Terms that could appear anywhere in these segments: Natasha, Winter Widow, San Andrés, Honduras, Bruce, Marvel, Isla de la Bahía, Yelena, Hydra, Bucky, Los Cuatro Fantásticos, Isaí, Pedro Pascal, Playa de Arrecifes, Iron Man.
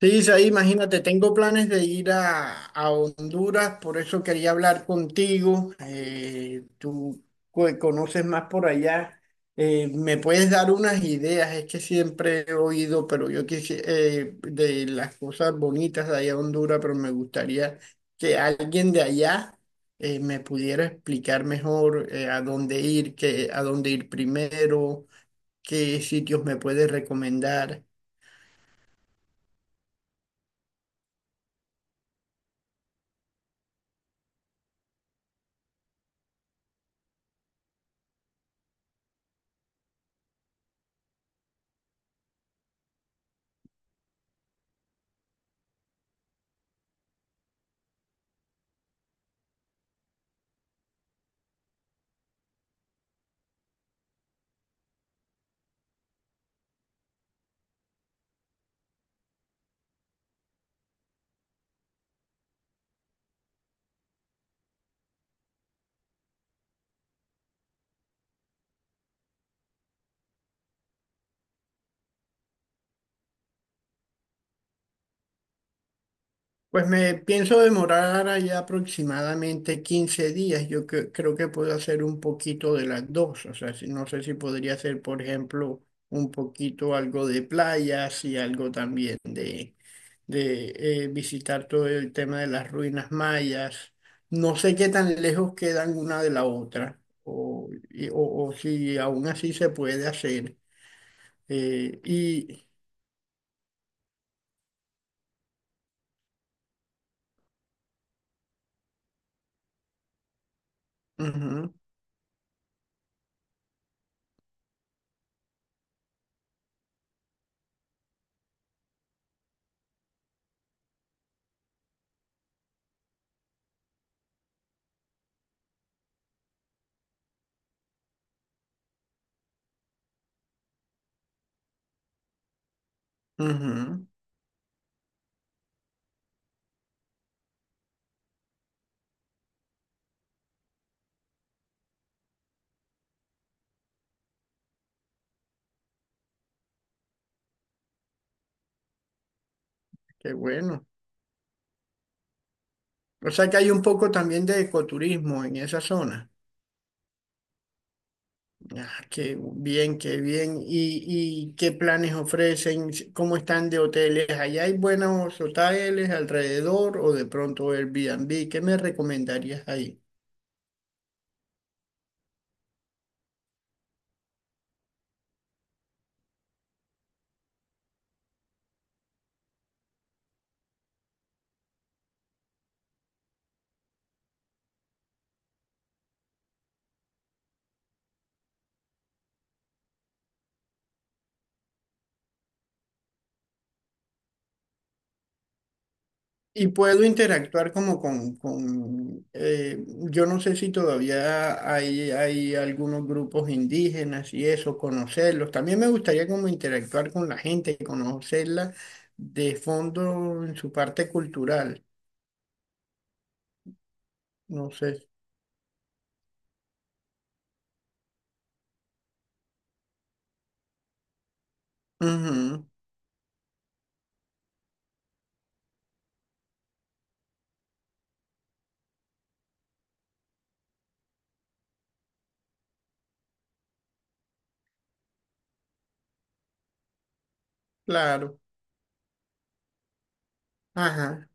Sí, Isaí, imagínate, tengo planes de ir a Honduras, por eso quería hablar contigo. Conoces más por allá. ¿Me puedes dar unas ideas? Es que siempre he oído, pero yo quisiera, de las cosas bonitas de allá a Honduras, pero me gustaría que alguien de allá me pudiera explicar mejor a dónde ir, a dónde ir primero, qué sitios me puedes recomendar. Pues me pienso demorar allá aproximadamente 15 días. Yo creo que puedo hacer un poquito de las dos. O sea, no sé si podría hacer, por ejemplo, un poquito algo de playas y algo también de visitar todo el tema de las ruinas mayas. No sé qué tan lejos quedan una de la otra o o si aún así se puede hacer. Eh, y... Ujú. Ujú. Qué bueno. O sea que hay un poco también de ecoturismo en esa zona. Ah, qué bien, qué bien. Y qué planes ofrecen? ¿Cómo están de hoteles? ¿Allá hay buenos hoteles alrededor o de pronto Airbnb? ¿Qué me recomendarías ahí? Y puedo interactuar como con yo no sé si todavía hay algunos grupos indígenas y eso, conocerlos. También me gustaría como interactuar con la gente, conocerla de fondo en su parte cultural. No sé. Ujú. Claro. Ajá.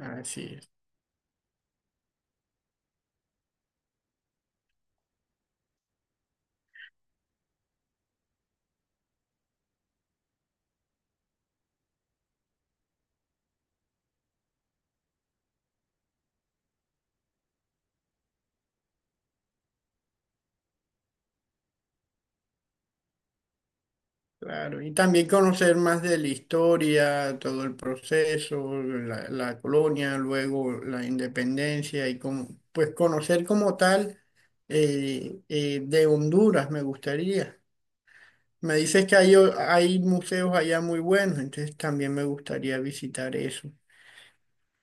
Así es. Claro, y también conocer más de la historia, todo el proceso, la colonia, luego la independencia y como, pues conocer como tal de Honduras me gustaría. Me dices que hay museos allá muy buenos, entonces también me gustaría visitar eso.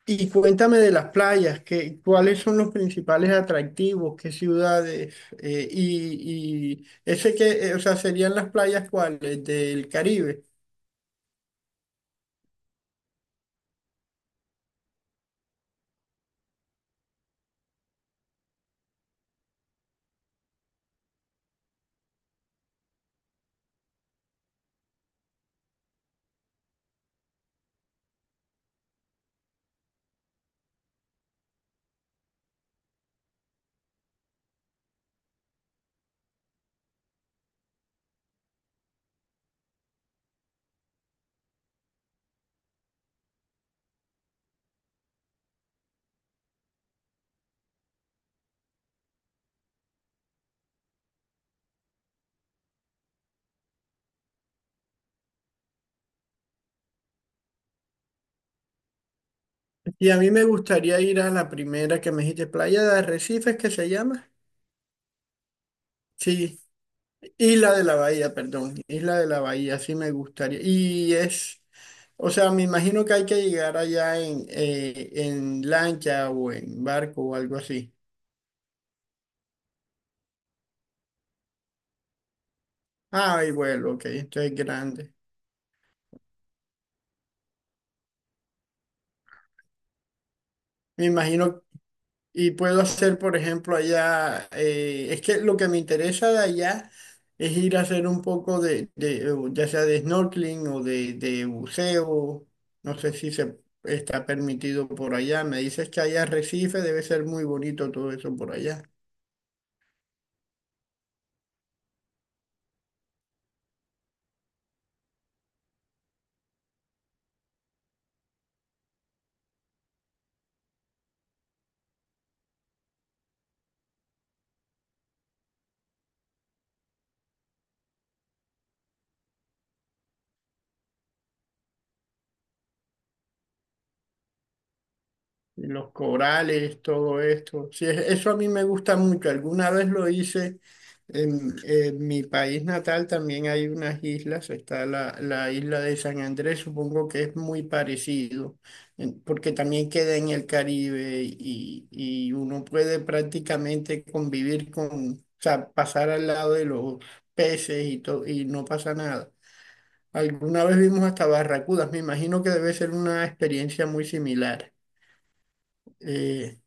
Y cuéntame de las playas, que, ¿cuáles son los principales atractivos? ¿Qué ciudades? Y ese que, o sea, serían las playas cuáles del Caribe. Y a mí me gustaría ir a la primera que me dijiste, Playa de Arrecifes, que se llama. Sí, Isla de la Bahía, perdón, Isla de la Bahía, sí me gustaría. Y es, o sea, me imagino que hay que llegar allá en lancha o en barco o algo así. Ah, y vuelo, ok, esto es grande. Me imagino. Y puedo hacer, por ejemplo, allá, es que lo que me interesa de allá es ir a hacer un poco de ya sea de snorkeling o de buceo. No sé si se está permitido por allá. Me dices que hay arrecife, debe ser muy bonito todo eso por allá. Y los corales, todo esto. Sí, eso a mí me gusta mucho. Alguna vez lo hice en mi país natal, también hay unas islas, está la isla de San Andrés, supongo que es muy parecido, porque también queda en el Caribe y uno puede prácticamente convivir con, o sea, pasar al lado de los peces y no pasa nada. Alguna vez vimos hasta barracudas, me imagino que debe ser una experiencia muy similar. Eh,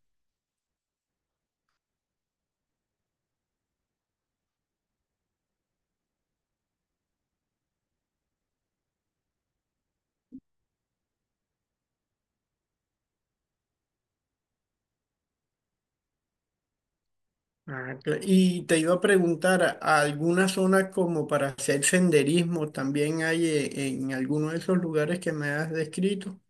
Ah, y te iba a preguntar, ¿alguna zona como para hacer senderismo también hay en alguno de esos lugares que me has descrito?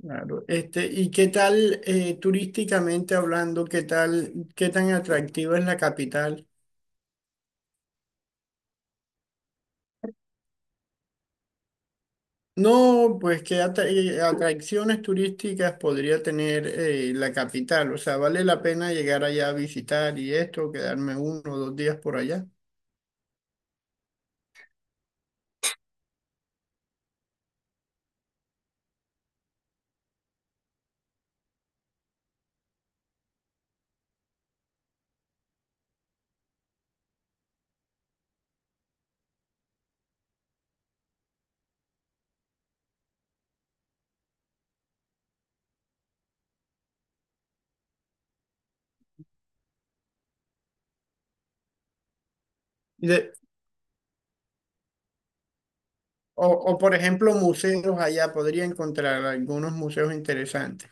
Claro. Este, ¿y qué tal turísticamente hablando, qué tal, qué tan atractiva es la capital? No, pues atracciones turísticas podría tener la capital. O sea, ¿vale la pena llegar allá a visitar y esto, quedarme 1 o 2 días por allá? Por ejemplo, museos allá, podría encontrar algunos museos interesantes.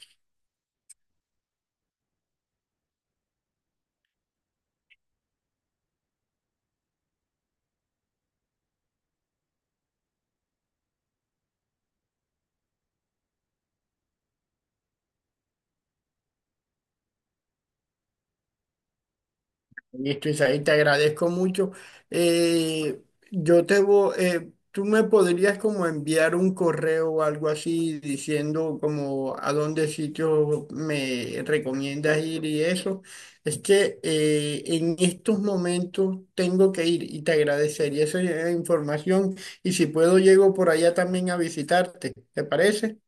Listo, Isaí, te agradezco mucho. Eh, yo te voy, tú me podrías como enviar un correo o algo así diciendo como a dónde sitio me recomiendas ir y eso. Es que en estos momentos tengo que ir y te agradecería esa información y si puedo llego por allá también a visitarte. ¿Te parece?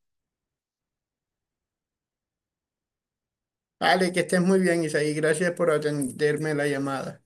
Vale, que estés muy bien, Isaí. Gracias por atenderme la llamada.